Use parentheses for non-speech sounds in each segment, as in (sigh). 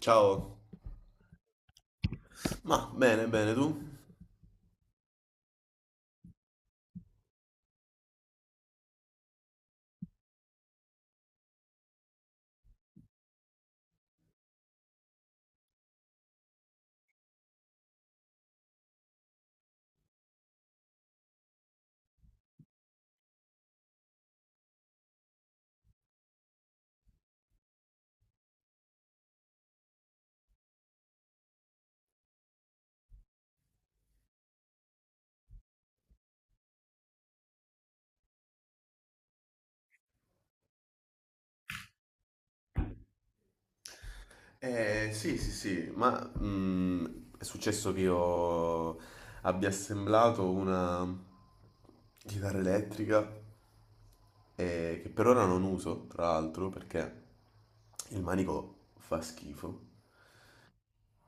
Ciao. Ma bene, bene, tu? Sì, sì, sì, ma è successo che io abbia assemblato una chitarra elettrica che per ora non uso, tra l'altro, perché il manico fa schifo.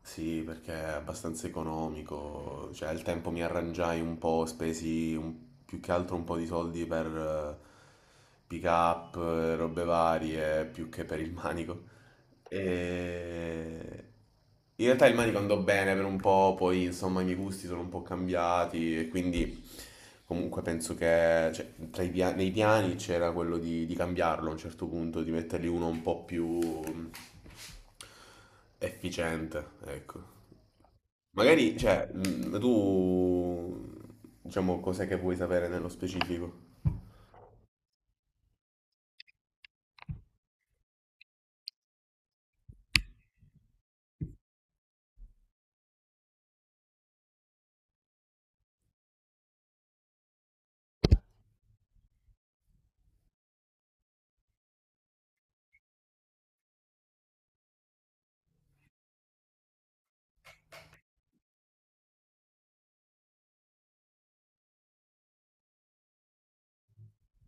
Sì, perché è abbastanza economico, cioè al tempo mi arrangiai un po', spesi un più che altro un po' di soldi per eh, pick up, robe varie, più che per il manico. E... In realtà il manico andò bene per un po', poi insomma i miei gusti sono un po' cambiati e quindi comunque penso che cioè, nei piani c'era quello di cambiarlo a un certo punto, di mettergli uno un po' più mm, efficiente, ecco. Magari, cioè, tu, diciamo, cos'è che vuoi sapere nello specifico?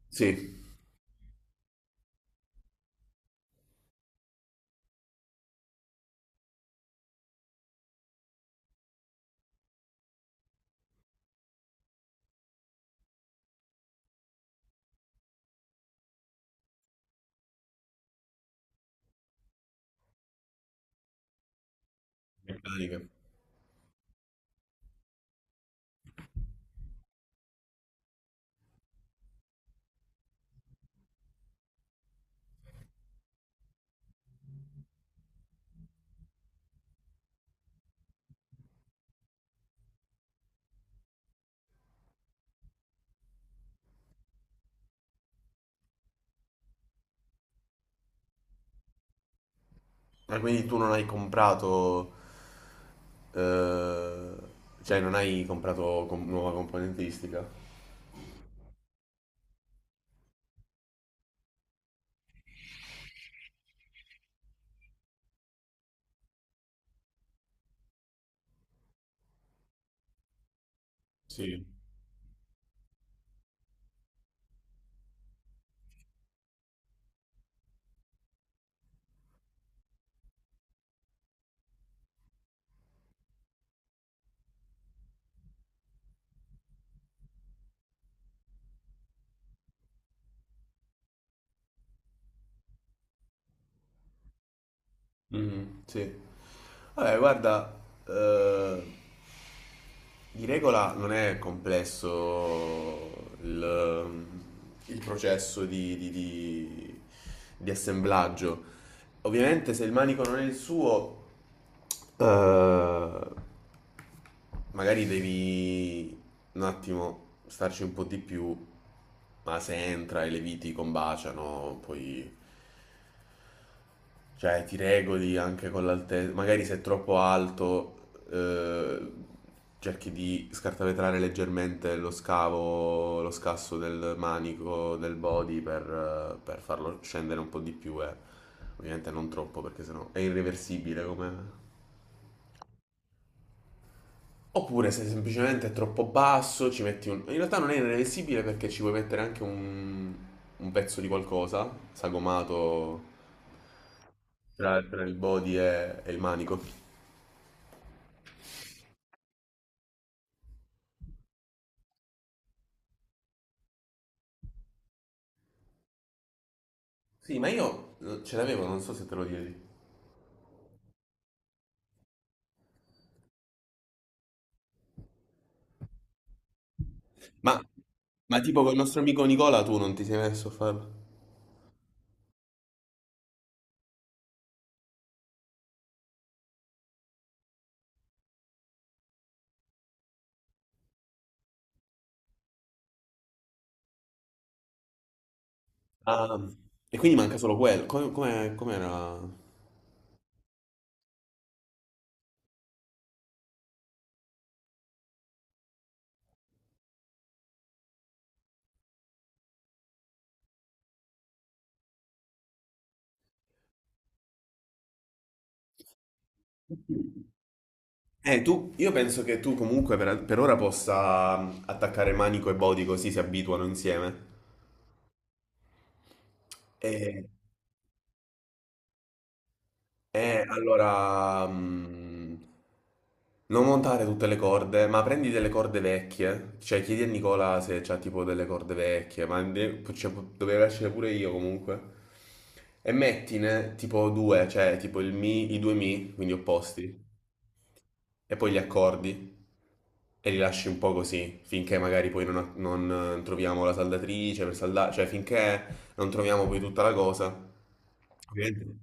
Sì, meccanica. Ma quindi tu non hai comprato, eh, cioè, non hai comprato com- nuova componentistica? Sì. Mhm, sì. Vabbè, guarda, eh, di regola non è complesso il, il processo di assemblaggio. Ovviamente se il manico non è il suo, eh, magari devi un attimo starci un po' di più, ma se entra e le viti combaciano, poi cioè, ti regoli anche con l'altezza. Magari se è troppo alto, cerchi di scartavetrare leggermente lo scavo, lo scasso del manico, del body per farlo scendere un po' di più. Ovviamente non troppo, perché sennò è irreversibile come. Oppure se semplicemente è troppo basso, In realtà non è irreversibile perché ci puoi mettere anche un pezzo di qualcosa sagomato tra, tra il body e il manico. Sì, ma io ce l'avevo, non so se te lo chiedi. Ma, ma tipo col nostro amico Nicola tu non ti sei messo a farlo? Ah, e quindi manca solo quello. Com'era? Io penso che tu comunque per ora possa attaccare manico e body così si abituano insieme. E- allora, non montare tutte le corde, ma prendi delle corde vecchie, cioè chiedi a Nicola se c'ha tipo delle corde vecchie, cioè, dovevo escere pure io comunque, e mettine tipo due, cioè tipo il mi, i due mi, quindi opposti, e poi gli accordi, e li lasci un po' così, finché magari poi non troviamo la saldatrice per saldare, cioè finché non troviamo poi tutta la cosa. Ovviamente.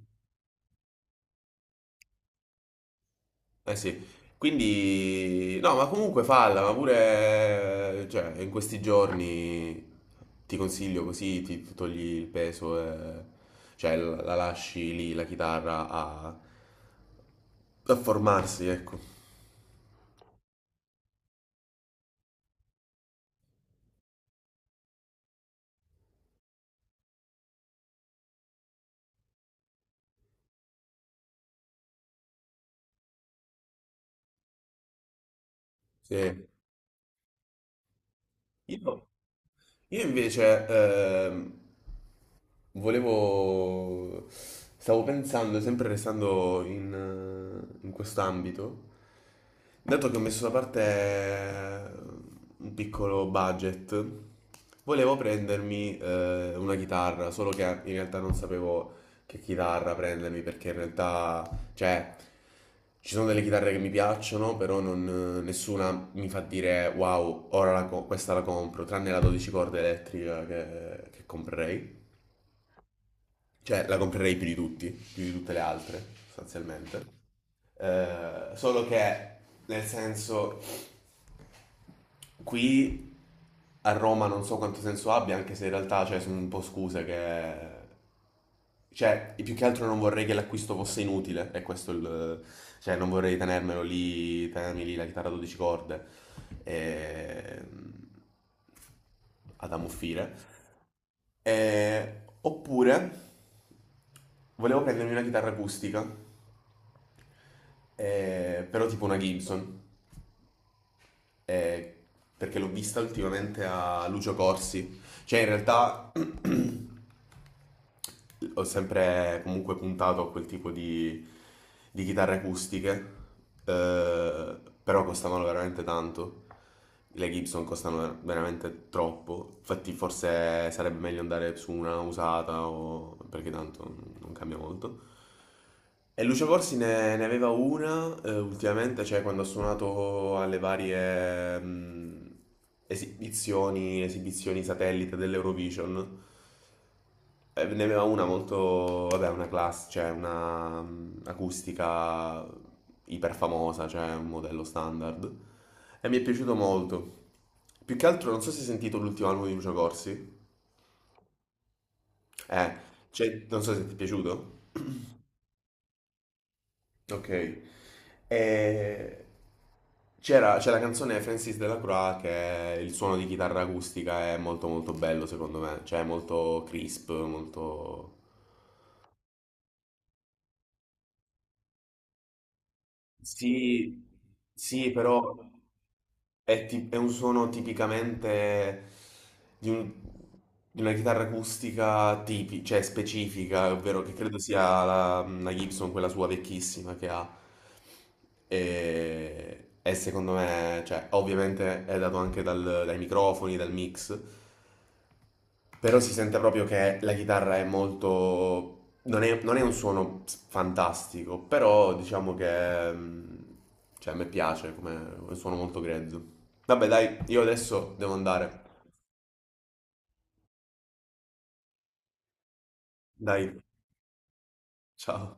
Eh sì, quindi no, ma comunque falla, ma pure cioè, in questi giorni ti consiglio così, ti togli il peso, e- cioè la lasci lì la chitarra a, a formarsi, ecco. Sì. Io, io invece volevo... Stavo pensando, sempre restando in, in quest'ambito, dato che ho messo da parte un piccolo budget, volevo prendermi una chitarra, solo che in realtà non sapevo che chitarra prendermi, perché in realtà, cioè, ci sono delle chitarre che mi piacciono, però nessuna mi fa dire wow, ora questa la compro, tranne la 12 corde elettrica che comprerei. Cioè, la comprerei più di tutti, più di tutte le altre, sostanzialmente. Solo che, nel senso, qui a Roma non so quanto senso abbia, anche se in realtà, cioè, sono un po' scuse che... Cioè, più che altro non vorrei che l'acquisto fosse inutile, e questo è il... Cioè, non vorrei tenermelo lì, tenermi lì la chitarra a 12 corde e... ad ammuffire. Oppure volevo prendermi una chitarra acustica, però tipo una Gibson eh, perché l'ho vista ultimamente a Lucio Corsi. Cioè, in realtà (clears throat) ho sempre comunque puntato a quel tipo di chitarre acustiche, eh, però costavano veramente tanto. Le Gibson costano veramente troppo. Infatti, forse sarebbe meglio andare su una usata o- perché tanto non cambia molto. E Lucio Corsi ne aveva una ultimamente, cioè quando ha suonato alle varie esibizioni, esibizioni satellite dell'Eurovision. Ne aveva una molto, vabbè, una class, cioè una acustica iperfamosa, cioè un modello standard. E mi è piaciuto molto. Più che altro, non so se hai sentito l'ultimo album di Lucio Corsi. Eh, cioè, non so se ti è piaciuto. Ok. E c'è la canzone Francis Delacroix che è- il suono di chitarra acustica è molto molto bello secondo me, cioè è molto crisp, molto... Sì, sì, però... È, è un suono tipicamente di, un- di una chitarra acustica cioè specifica, ovvero che credo sia la Gibson, quella sua vecchissima che ha. E secondo me, cioè, ovviamente è dato anche dai microfoni, dal mix, però si sente proprio che la chitarra è molto... non è un suono fantastico, però diciamo che... cioè, a me piace come è un suono molto grezzo. Vabbè, dai, io adesso devo andare. Dai, ciao.